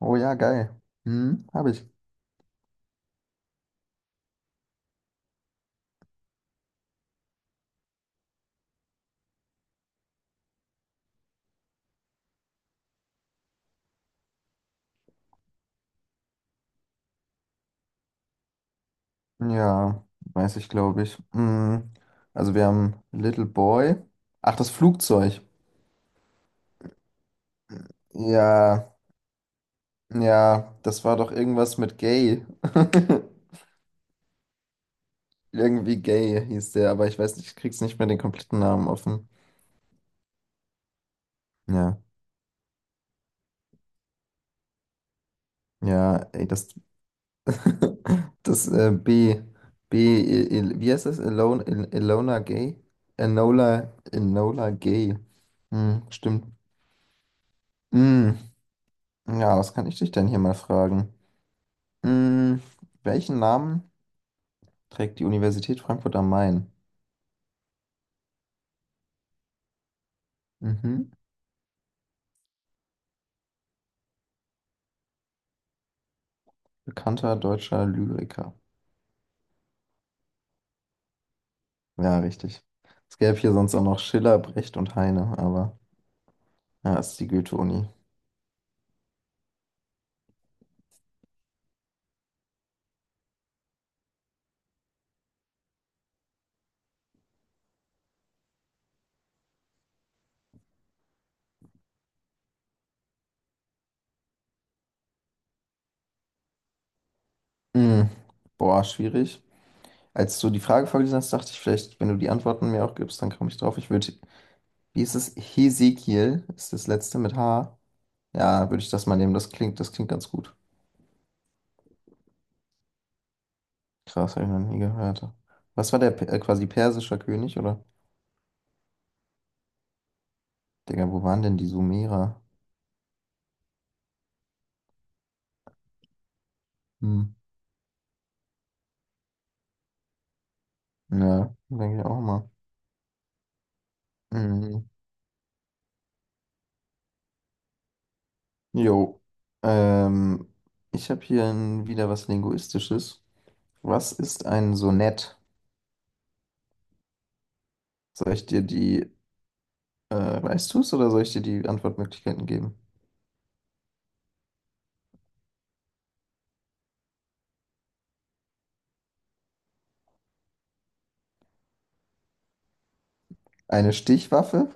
Oh ja, geil. Hm, habe ich. Ja, weiß ich, glaube ich. Hm, also wir haben Little Boy. Ach, das Flugzeug. Ja, ja, das war doch irgendwas mit Gay. Irgendwie Gay hieß der, aber ich weiß nicht, ich krieg's nicht mehr den kompletten Namen offen. Ja, ja, ey, das B, wie heißt das? Alone, Ilona Gay? Enola Gay. Hm, stimmt. Hm. Ja, was kann ich dich denn hier mal fragen? Hm, welchen Namen trägt die Universität Frankfurt am Main? Mhm. Bekannter deutscher Lyriker. Ja, richtig. Es gäbe hier sonst auch noch Schiller, Brecht und Heine, aber ja, ist die Goethe-Uni. Hm, boah, schwierig. Als du die Frage vorgelesen hast, dachte ich vielleicht, wenn du die Antworten mir auch gibst, dann komme ich drauf. Ich würde, wie ist es? Hesekiel ist das letzte mit H. Ja, würde ich das mal nehmen. Das klingt ganz gut. Krass, habe ich noch nie gehört. Was war der quasi persischer König, oder? Digga, wo waren denn die Sumerer? Hm. Ja, denke ich auch mal. Mhm. Jo. Ähm, ich habe hier ein, wieder was Linguistisches. Was ist ein Sonett? Soll ich dir weißt du es, oder soll ich dir die Antwortmöglichkeiten geben? Eine Stichwaffe,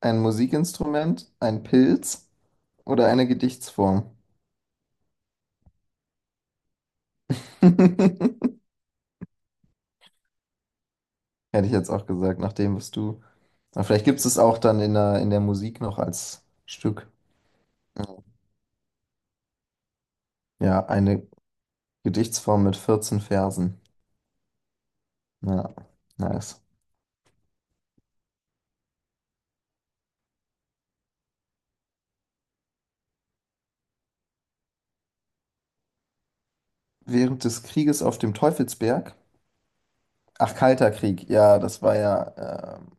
ein Musikinstrument, ein Pilz oder eine Gedichtsform? Hätte ich jetzt auch gesagt, nach dem, was du aber vielleicht gibt es auch dann in der Musik noch als Stück. Ja, eine Gedichtsform mit 14 Versen. Ja, nice. Während des Krieges auf dem Teufelsberg. Ach, Kalter Krieg. Ja, das war ja,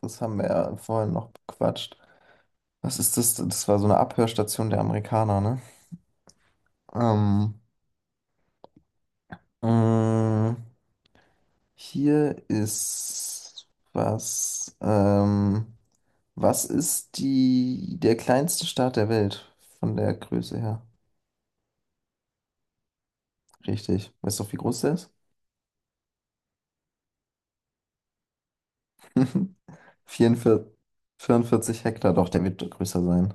das haben wir ja vorhin noch bequatscht. Was ist das? Das war so eine Abhörstation der Amerikaner, ne? Ähm, mh, hier ist was. Was ist der kleinste Staat der Welt von der Größe her? Richtig. Weißt du, wie groß der ist? 44, 44 Hektar, doch, der wird größer sein.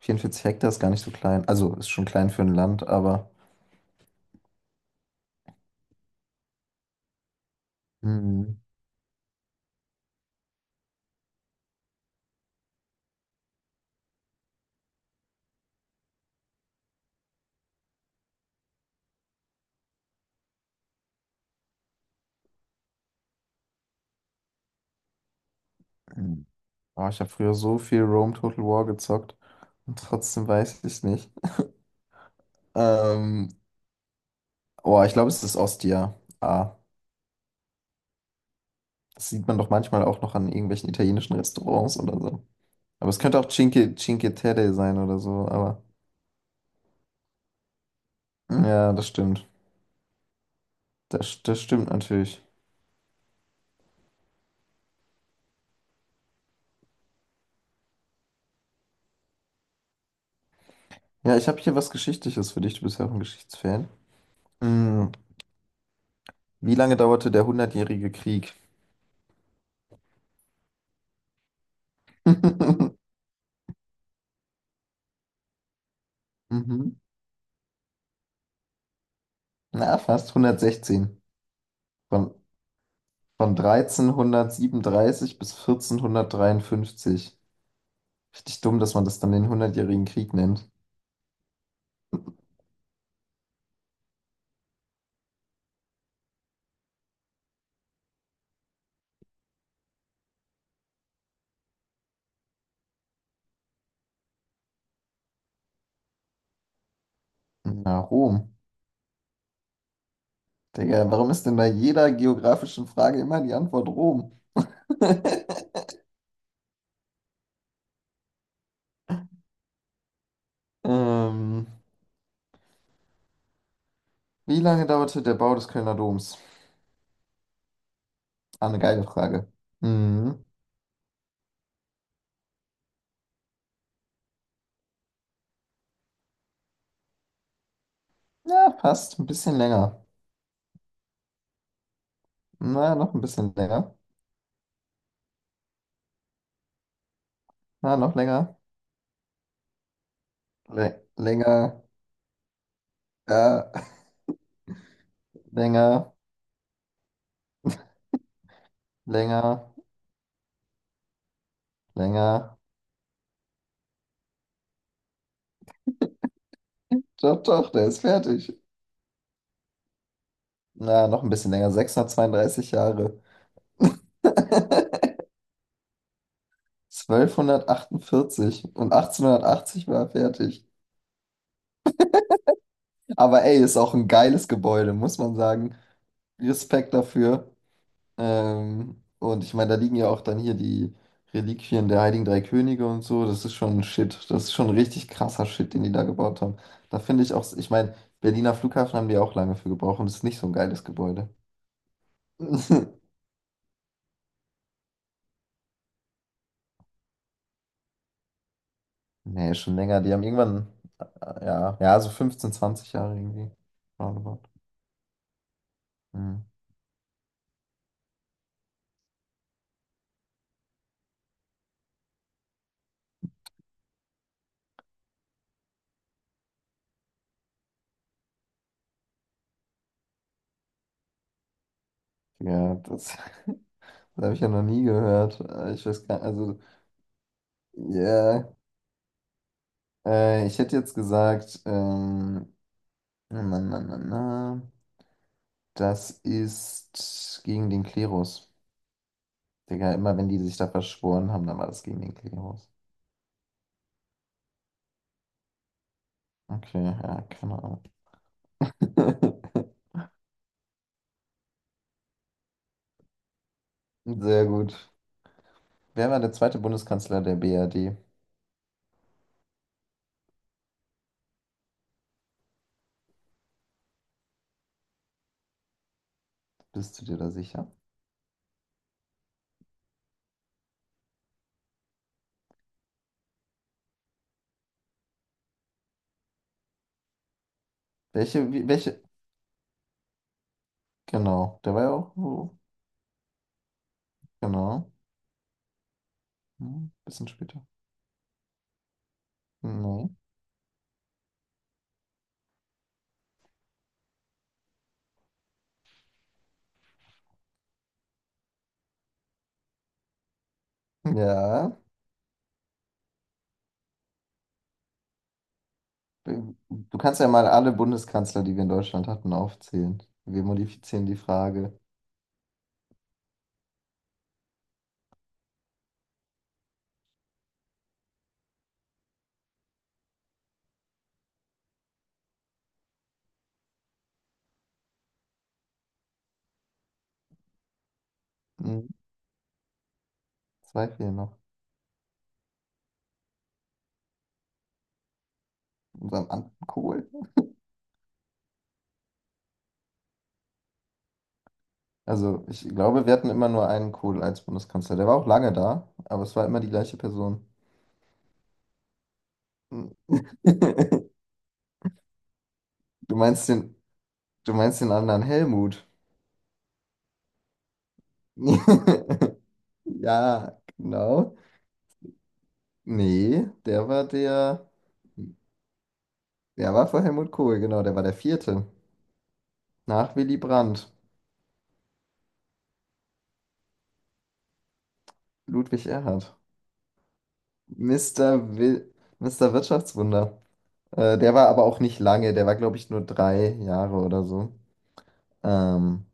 44 Hektar ist gar nicht so klein. Also ist schon klein für ein Land, aber. Mhm. Mhm. Oh, ich habe früher so viel Rome Total War gezockt und trotzdem weiß ich es nicht. Ähm, oh, ich glaube, es ist Ostia. Ah, das sieht man doch manchmal auch noch an irgendwelchen italienischen Restaurants oder so. Aber es könnte auch Cinque Terre sein oder so, aber ja, das stimmt. Das stimmt natürlich. Ja, ich habe hier was Geschichtliches für dich. Du bist ja auch ein Geschichtsfan. Mm, Wie lange dauerte der Hundertjährige Krieg? Mhm. Na, fast 116. Von, von 1337 bis 1453. Richtig dumm, dass man das dann den Hundertjährigen Krieg nennt. Na, Rom. Digga, warum ist denn bei jeder geografischen Frage immer die Antwort Rom? Ähm, wie lange dauerte der Bau des Kölner Doms? Ah, eine geile Frage. Mhm. Ja, fast. Ein bisschen länger. Na, noch ein bisschen länger. Na, noch länger. Länger. Ja, länger. Länger. Länger. Doch, doch, der ist fertig. Na, noch ein bisschen länger. 632 Jahre. 1248 und 1880 war er fertig. Aber ey, ist auch ein geiles Gebäude, muss man sagen. Respekt dafür. Und ich meine, da liegen ja auch dann hier die Reliquien der Heiligen Drei Könige und so. Das ist schon Shit. Das ist schon richtig krasser Shit, den die da gebaut haben. Da finde ich auch, ich meine, Berliner Flughafen haben die auch lange für gebraucht und es ist nicht so ein geiles Gebäude. Nee, schon länger. Die haben irgendwann, ja, ja, so 15, 20 Jahre irgendwie. Roundabout. Hm. Ja, das habe ich ja noch nie gehört. Ich weiß gar nicht, also, ja, ich hätte jetzt gesagt, na, na, na, na. Das ist gegen den Klerus. Digga, immer wenn die sich da verschworen haben, dann war das gegen den Klerus. Okay, ja, keine Ahnung. Sehr gut. Wer war der zweite Bundeskanzler der BRD? Bist du dir da sicher? Welche? Genau, der war ja auch. Oh, genau. Hm, bisschen später. Nee. Ja. Du kannst ja mal alle Bundeskanzler, die wir in Deutschland hatten, aufzählen. Wir modifizieren die Frage. Hm, zwei fehlen noch. Unserem Amt Kohl. Also, ich glaube, wir hatten immer nur einen Kohl als Bundeskanzler. Der war auch lange da, aber es war immer die gleiche Person. Hm. Du meinst den, du meinst den anderen Helmut? Ja, genau. Nee, der war vor Helmut Kohl, genau, der war der vierte. Nach Willy Brandt, Ludwig Erhard. Mister Will, Mister Wirtschaftswunder. Der war aber auch nicht lange, der war, glaube ich, nur 3 Jahre oder so. Ähm,